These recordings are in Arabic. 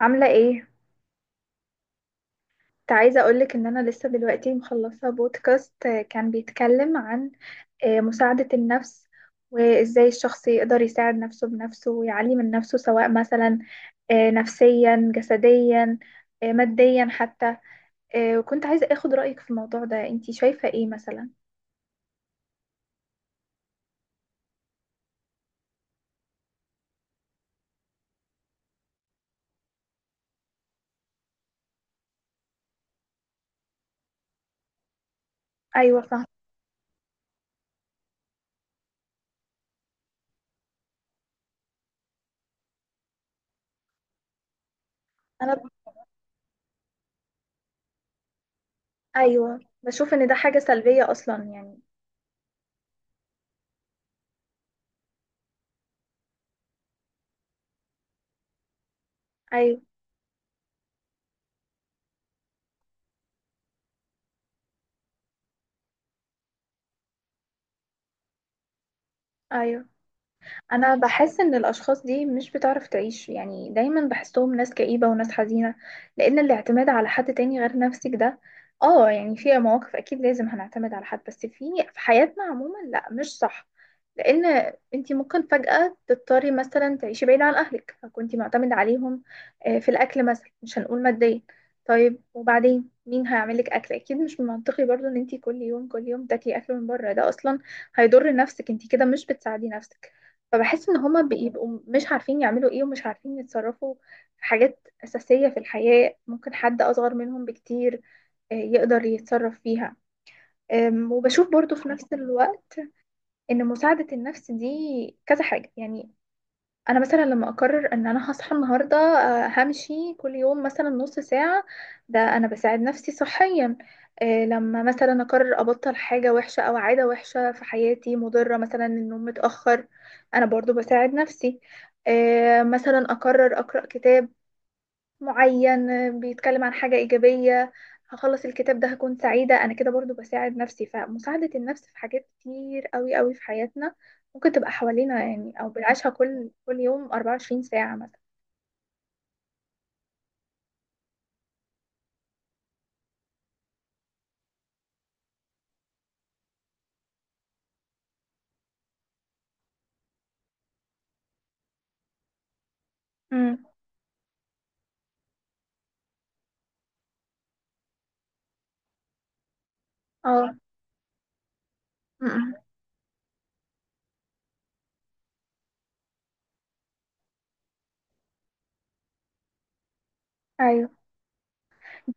عاملة ايه؟ كنت عايزة اقولك ان انا لسه دلوقتي مخلصة بودكاست، كان بيتكلم عن مساعدة النفس، وازاي الشخص يقدر يساعد نفسه بنفسه ويعلي من نفسه، سواء مثلا نفسيا، جسديا، ماديا حتى. وكنت عايزة اخد رأيك في الموضوع ده. انتي شايفة ايه مثلا؟ ايوه، فاهمة. انا ب... ايوه، بشوف ان ده حاجة سلبية اصلا يعني. ايوه، ايوه. انا بحس ان الاشخاص دي مش بتعرف تعيش، يعني دايما بحسهم ناس كئيبة وناس حزينة، لان الاعتماد على حد تاني غير نفسك ده، اه يعني في مواقف اكيد لازم هنعتمد على حد، بس في حياتنا عموما لا، مش صح. لان انتي ممكن فجأة تضطري مثلا تعيشي بعيد عن اهلك، فكنتي معتمدة عليهم في الاكل مثلا، مش هنقول ماديا. طيب وبعدين مين هيعملك اكل؟ اكيد مش من منطقي برضو ان انتي كل يوم كل يوم تاكلي اكل من بره. ده اصلا هيضر نفسك، انتي كده مش بتساعدي نفسك. فبحس ان هما بيبقوا مش عارفين يعملوا ايه، ومش عارفين يتصرفوا في حاجات اساسية في الحياة، ممكن حد اصغر منهم بكتير يقدر يتصرف فيها. وبشوف برضو في نفس الوقت ان مساعدة النفس دي كذا حاجة يعني. انا مثلا لما اقرر ان انا هصحى النهارده، همشي كل يوم مثلا نص ساعه، ده انا بساعد نفسي صحيا. لما مثلا اقرر ابطل حاجه وحشه او عاده وحشه في حياتي مضره، مثلا النوم متاخر، انا برضو بساعد نفسي. مثلا اقرر اقرا كتاب معين بيتكلم عن حاجة إيجابية، هخلص الكتاب ده هكون سعيدة، أنا كده برضو بساعد نفسي. فمساعدة النفس في حاجات كتير قوي قوي في حياتنا، ممكن تبقى حوالينا يعني، أو بنعيشها كل يوم 24 ساعة مثلا. امم. اه. امم. أيوه،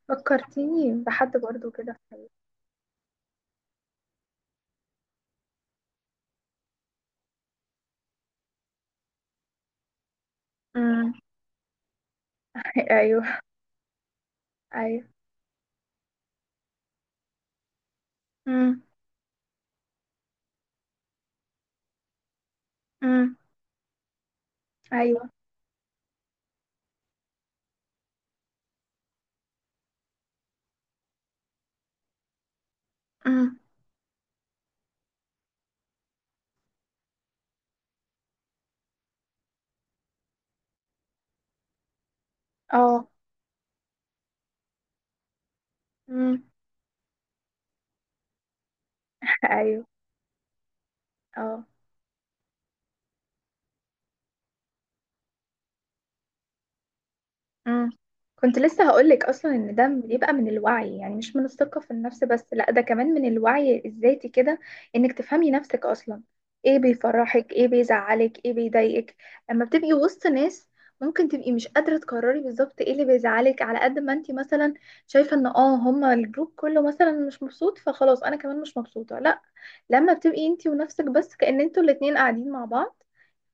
فكرتيني بحد برضو كده. امم. أيوه. أيوه. امم. امم. أيوه. امم. اه. امم. أيوه. اه. مم. كنت لسه هقولك اصلا ان ده بيبقى من الوعي، يعني مش من الثقة في النفس بس، لا، ده كمان من الوعي الذاتي كده، انك تفهمي نفسك اصلا. ايه بيفرحك، ايه بيزعلك، ايه بيضايقك. اما بتبقي وسط ناس، ممكن تبقي مش قادرة تقرري بالظبط ايه اللي بيزعلك، على قد ما انتي مثلا شايفة ان هما الجروب كله مثلا مش مبسوط، فخلاص انا كمان مش مبسوطة. لا، لما بتبقي انتي ونفسك بس، كأن انتوا الاتنين قاعدين مع بعض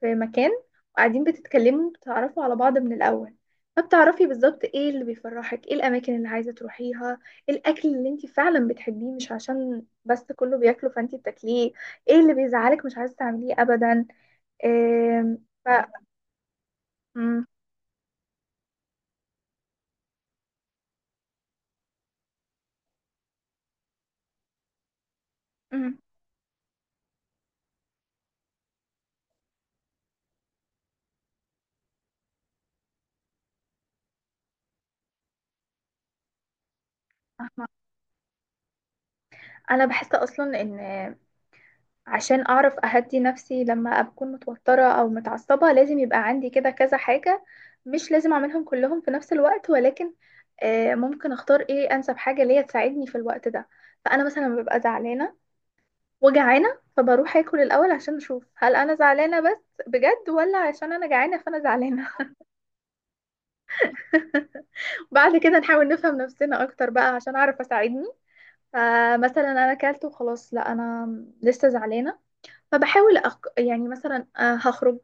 في مكان، وقاعدين بتتكلموا، بتعرفوا على بعض من الأول، فبتعرفي بالظبط ايه اللي بيفرحك، ايه الأماكن اللي عايزة تروحيها، ايه الأكل اللي انت فعلا بتحبيه مش عشان بس كله بياكله فانت بتاكليه، ايه اللي بيزعلك مش عايزة تعمليه أبدا. إيه. ف... مم. مم. أنا بحس أصلا إن، عشان اعرف اهدي نفسي لما اكون متوترة او متعصبة، لازم يبقى عندي كده كذا حاجة، مش لازم اعملهم كلهم في نفس الوقت، ولكن ممكن اختار ايه انسب حاجة ليا تساعدني في الوقت ده. فانا مثلا لما ببقى زعلانة وجعانة، فبروح اكل الاول عشان اشوف هل انا زعلانة بس بجد ولا عشان انا جعانة فانا زعلانة. بعد كده نحاول نفهم نفسنا اكتر بقى عشان اعرف اساعدني. فمثلا انا اكلت وخلاص، لا، انا لسه زعلانه، فبحاول يعني مثلا هخرج،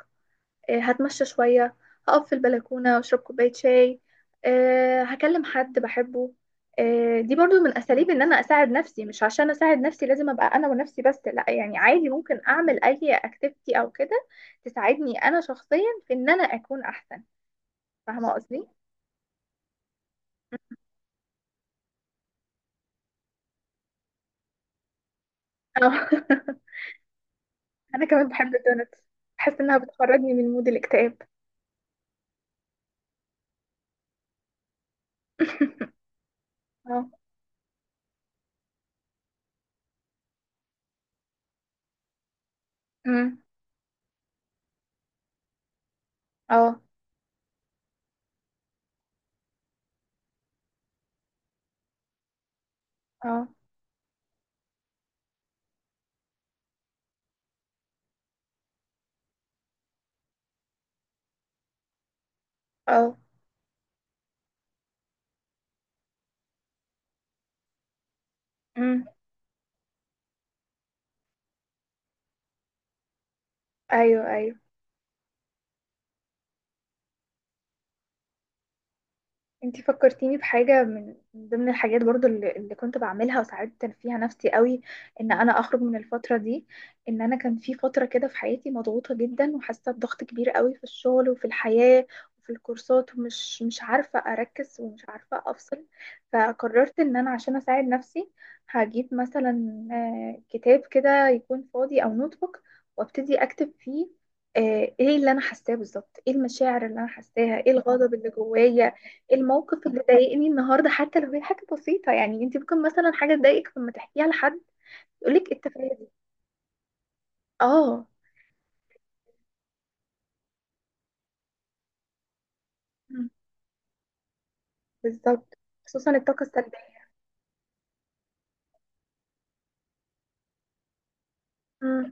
هتمشى شوية، هقف في البلكونة واشرب كوباية شاي، هكلم حد بحبه. دي برضو من أساليب إن أنا أساعد نفسي. مش عشان أساعد نفسي لازم أبقى أنا ونفسي بس، لا، يعني عادي ممكن أعمل أي أكتيفيتي أو كده تساعدني أنا شخصيا في إن أنا أكون أحسن. فاهمة قصدي؟ اه. أنا كمان بحب الدونتس، بحس إنها بتخرجني من مود الاكتئاب. اه. أمم. اه. اه. اه. أمم. أيوه. أيوه. انتي فكرتيني بحاجة من ضمن الحاجات برضو اللي كنت بعملها، وساعات فيها نفسي قوي ان انا اخرج من الفترة دي، ان انا كان في فترة كده في حياتي مضغوطة جدا، وحاسة بضغط كبير قوي في الشغل وفي الحياة وفي الكورسات، ومش مش عارفة اركز ومش عارفة افصل. فقررت ان انا عشان اساعد نفسي هجيب مثلا كتاب كده يكون فاضي او نوت بوك، وابتدي اكتب فيه ايه اللي انا حاساه بالظبط، ايه المشاعر اللي انا حاساها، ايه الغضب اللي جوايا، الموقف اللي ضايقني النهارده، حتى لو هي حاجه بسيطه. يعني انت ممكن مثلا حاجه تضايقك لما تحكيها لحد يقولك التفاهه دي. اه. مم. بالظبط. خصوصا الطاقه السلبيه. مم.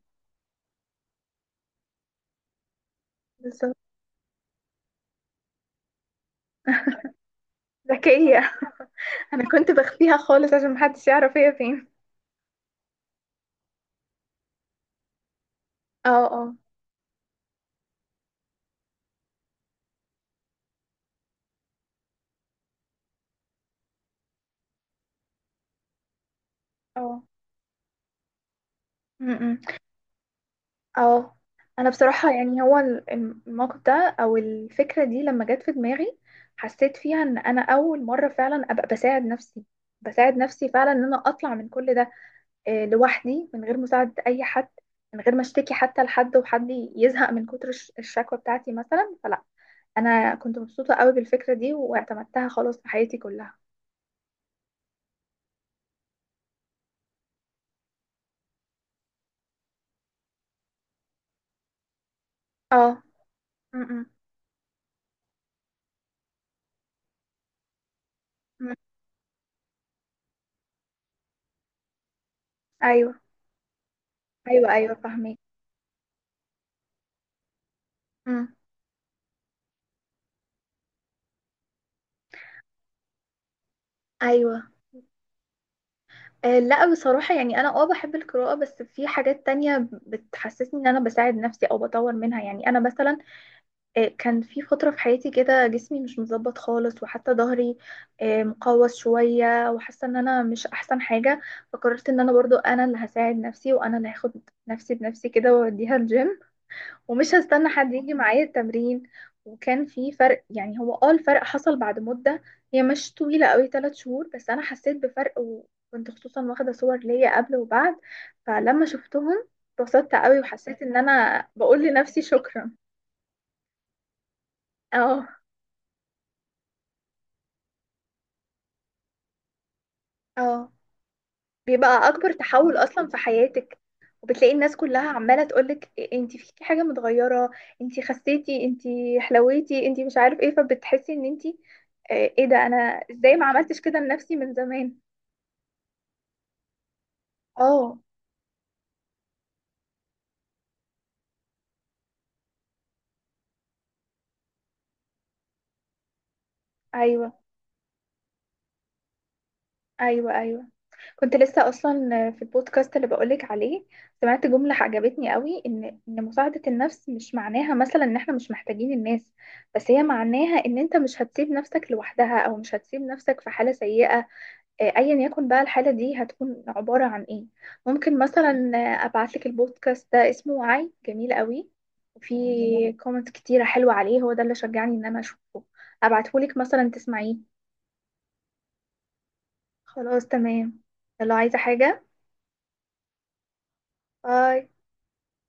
بالظبط. ذكيه. انا كنت بخفيها خالص عشان محدش يعرف هي فين. اه. اه. اه. مم. اه. انا بصراحه، يعني هو الموقف ده او الفكره دي لما جت في دماغي، حسيت فيها ان انا اول مره فعلا ابقى بساعد نفسي، بساعد نفسي فعلا ان انا اطلع من كل ده لوحدي، من غير مساعدة أي حد، من غير ما اشتكي حتى لحد، وحد يزهق من كتر الشكوى بتاعتي مثلا، فلا. أنا كنت مبسوطة قوي بالفكرة دي واعتمدتها خلاص في حياتي كلها. اه. م-م. م. أيوه. أيوه. أيوه، فاهمك. م. أيوه. لا، بصراحة يعني أنا بحب القراءة، بس في حاجات تانية بتحسسني إن أنا بساعد نفسي أو بطور منها. يعني أنا مثلا كان في فترة في حياتي كده جسمي مش متظبط خالص، وحتى ظهري مقوس شوية، وحاسة ان انا مش احسن حاجة. فقررت ان انا برضو انا اللي هساعد نفسي، وانا اللي هاخد نفسي بنفسي كده واوديها الجيم، ومش هستنى حد يجي معايا التمرين. وكان في فرق، يعني هو الفرق حصل بعد مدة، هي مش طويلة قوي، 3 شهور، بس انا حسيت بفرق، وكنت خصوصا واخدة صور ليا قبل وبعد، فلما شفتهم اتبسطت قوي، وحسيت ان انا بقول لنفسي شكرا. اه. اه، بيبقى اكبر تحول اصلا في حياتك، وبتلاقي الناس كلها عماله تقولك انتي فيكي حاجه متغيره، انتي خسيتي، انتي حلويتي، انتي مش عارف ايه، فبتحسي ان انتي ايه ده، انا ازاي ما عملتش كده لنفسي من زمان. اه. ايوه. ايوه. ايوه. كنت لسه اصلا في البودكاست اللي بقولك عليه، سمعت جمله عجبتني قوي، ان مساعده النفس مش معناها مثلا ان احنا مش محتاجين الناس، بس هي معناها ان انت مش هتسيب نفسك لوحدها، او مش هتسيب نفسك في حاله سيئه، ايا يكن بقى الحاله دي هتكون عباره عن ايه. ممكن مثلا ابعت لك البودكاست ده، اسمه وعي، جميل قوي، وفي كومنت كتيره حلوه عليه، هو ده اللي شجعني ان انا اشوفه. ابعته لك مثلا تسمعيه. خلاص، تمام. يلا، عايزه حاجه؟ باي.